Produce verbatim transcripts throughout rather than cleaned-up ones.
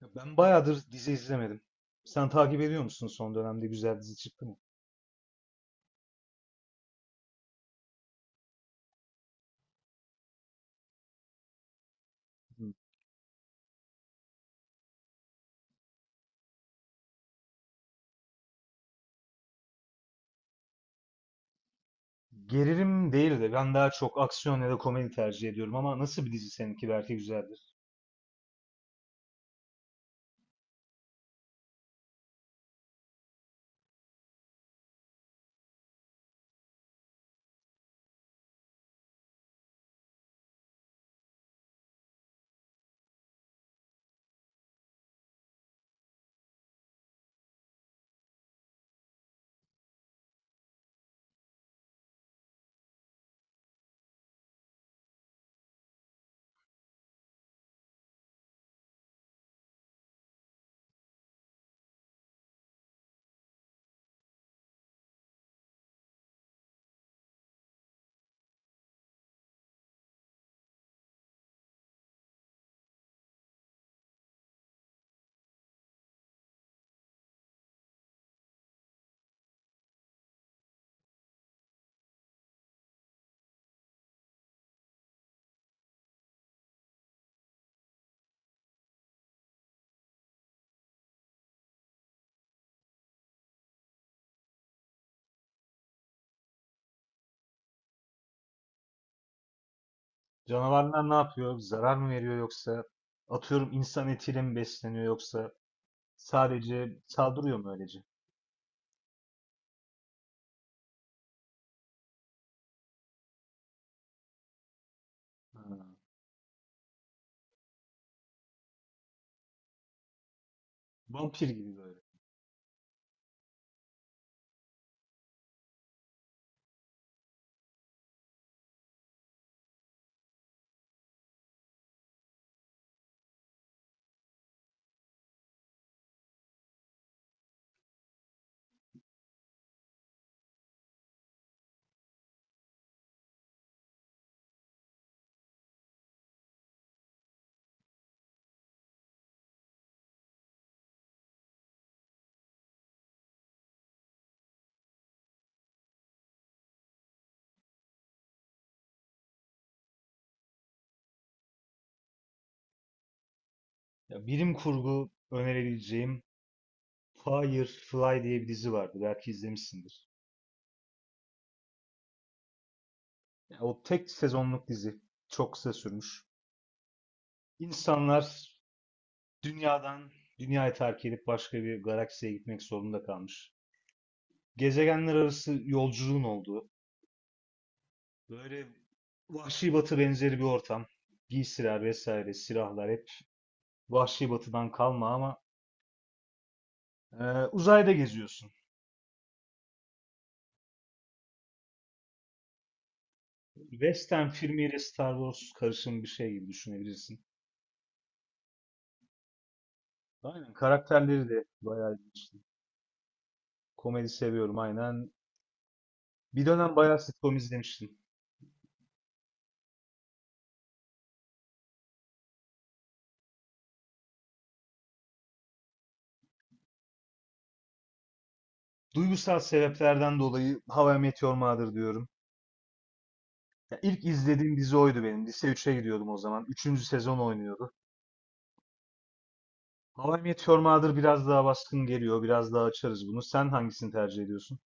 Ya, ben bayağıdır dizi izlemedim. Sen takip ediyor musun, son dönemde güzel dizi çıktı mı? Gerilim değil de ben daha çok aksiyon ya da komedi tercih ediyorum, ama nasıl bir dizi, seninki belki güzeldir. Canavarlar ne yapıyor? Zarar mı veriyor yoksa atıyorum insan etiyle mi besleniyor, yoksa sadece saldırıyor mu öylece? Ha, vampir gibi böyle. Ya, bilim kurgu önerebileceğim Firefly diye bir dizi vardı. Belki izlemişsindir. Ya, o tek sezonluk dizi. Çok kısa sürmüş. İnsanlar dünyadan, dünyayı terk edip başka bir galaksiye gitmek zorunda kalmış. Gezegenler arası yolculuğun olduğu, böyle Vahşi Batı benzeri bir ortam. Giysiler vesaire, silahlar hep Vahşi Batı'dan kalma ama e, uzayda geziyorsun. Western filmiyle Star Wars karışım bir şey gibi düşünebilirsin. Aynen, karakterleri de bayağı ilginç. Komedi seviyorum aynen. Bir dönem bayağı sitcom izlemiştim. Duygusal sebeplerden dolayı How I Met Your Mother diyorum. İlk izlediğim dizi oydu benim. Lise üçe gidiyordum o zaman. Üçüncü sezon oynuyordu. How I Met Your Mother biraz daha baskın geliyor. Biraz daha açarız bunu. Sen hangisini tercih ediyorsun?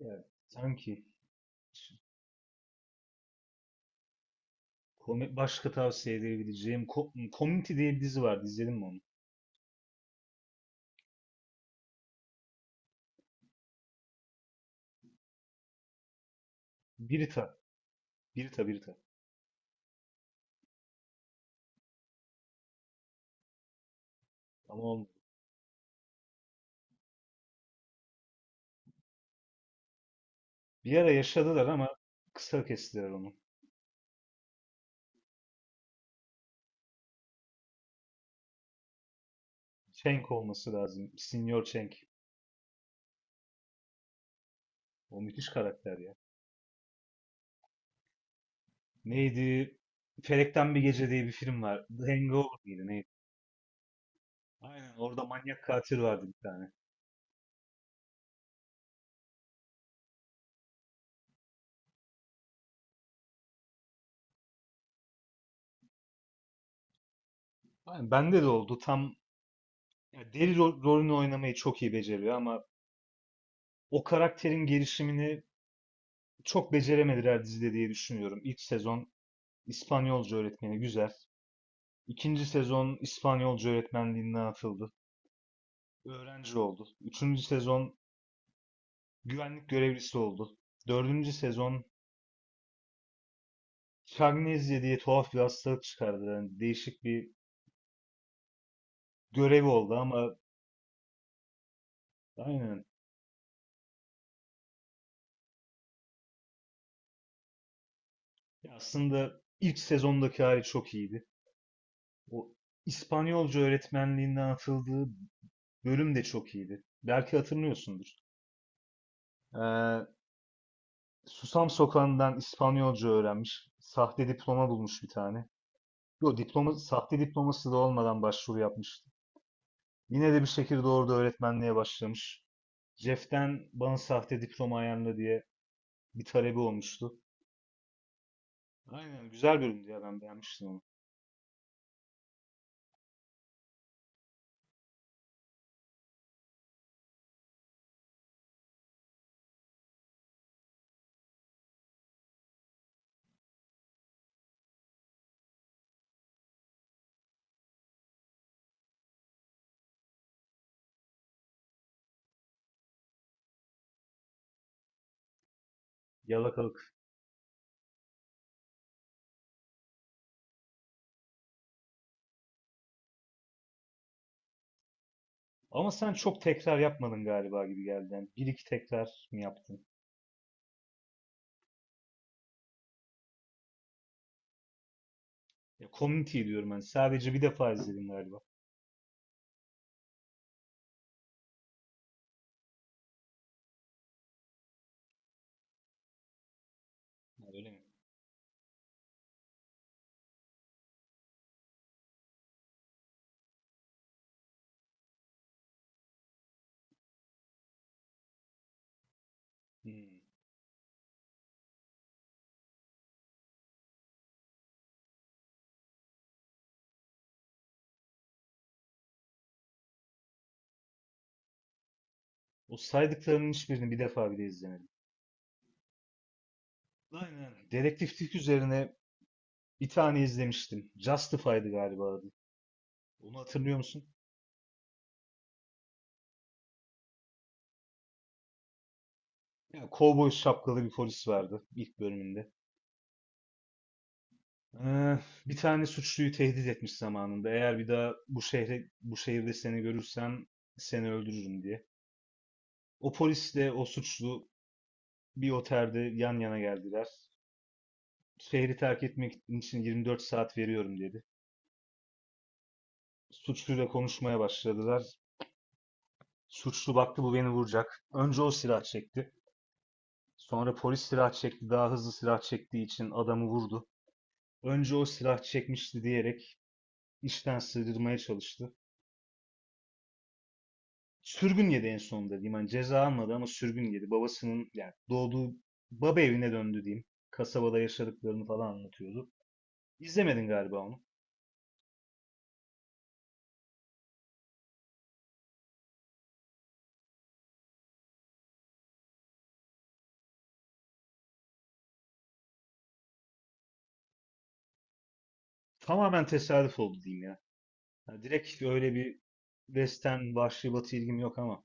Evet. Sanki komi- başka tavsiye edebileceğim Co- Community diye bir dizi vardı. İzledin mi onu? Birita. Birita Birita. Ama olmadı. Bir ara yaşadılar ama kısa kestiler onu. Cenk olması lazım. Senior Cenk. O müthiş karakter ya. Neydi? Felekten Bir Gece diye bir film var. The Hangover mıydı? Neydi? Aynen, orada manyak katil vardı bir tane. Aynen, bende de oldu. Tam, ya, deli ro- rolünü oynamayı çok iyi beceriyor, ama o karakterin gelişimini çok beceremediler dizide diye düşünüyorum. İlk sezon İspanyolca öğretmeni güzel. İkinci sezon İspanyolca öğretmenliğinden atıldı. Öğrenci oldu. Üçüncü sezon güvenlik görevlisi oldu. Dördüncü sezon Şagnezya diye tuhaf bir hastalık çıkardı. Yani değişik bir görev oldu ama aynen. Ya, aslında ilk sezondaki hali çok iyiydi. O İspanyolca öğretmenliğinden atıldığı bölüm de çok iyiydi. Belki hatırlıyorsundur. Ee, Susam Sokağı'ndan İspanyolca öğrenmiş. Sahte diploma bulmuş bir tane. Yo, diploma, sahte diploması da olmadan başvuru yapmıştı. Yine de bir şekilde orada öğretmenliğe başlamış. Jeff'ten bana sahte diploma ayarla diye bir talebi olmuştu. Aynen, güzel bölümdü ya, ben beğenmiştim onu. Yalakalık. Ama sen çok tekrar yapmadın galiba, gibi geldi. Yani bir iki tekrar mı yaptın? Ya, Community diyorum ben. Sadece bir defa izledim galiba. Ha, öyle mi? Hmm. O saydıklarının hiçbirini bir defa bile izlemedim. Aynen aynen. Dedektiflik üzerine bir tane izlemiştim. Justified'ı galiba adı. Onu hatırlıyor musun? Ya, kovboy şapkalı bir polis vardı ilk bölümünde. Ee, bir tane suçluyu tehdit etmiş zamanında. Eğer bir daha bu şehre, bu şehirde seni görürsem seni öldürürüm diye. O polisle o suçlu bir otelde yan yana geldiler. Şehri terk etmek için yirmi dört saat veriyorum dedi. Suçluyla konuşmaya başladılar. Suçlu baktı bu beni vuracak. Önce o silah çekti. Sonra polis silah çekti. Daha hızlı silah çektiği için adamı vurdu. Önce o silah çekmişti diyerek işten sığdırmaya çalıştı. Sürgün yedi en sonunda diyeyim. Hani ceza almadı ama sürgün yedi. Babasının, yani doğduğu baba evine döndü diyeyim. Kasabada yaşadıklarını falan anlatıyordu. İzlemedin galiba onu. Tamamen tesadüf oldu diyeyim ya. Yani direkt öyle bir western, vahşi batı ilgim yok, ama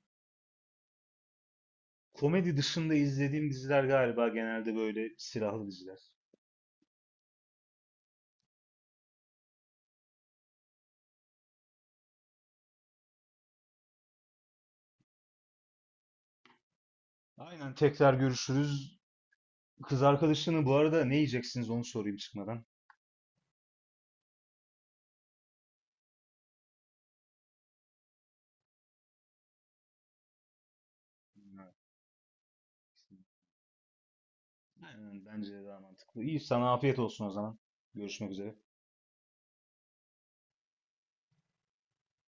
komedi dışında izlediğim diziler galiba genelde böyle silahlı diziler. Aynen, tekrar görüşürüz. Kız arkadaşını bu arada ne yiyeceksiniz, onu sorayım çıkmadan. Evet. Aynen, bence de daha mantıklı. İyi, sana afiyet olsun o zaman. Görüşmek üzere.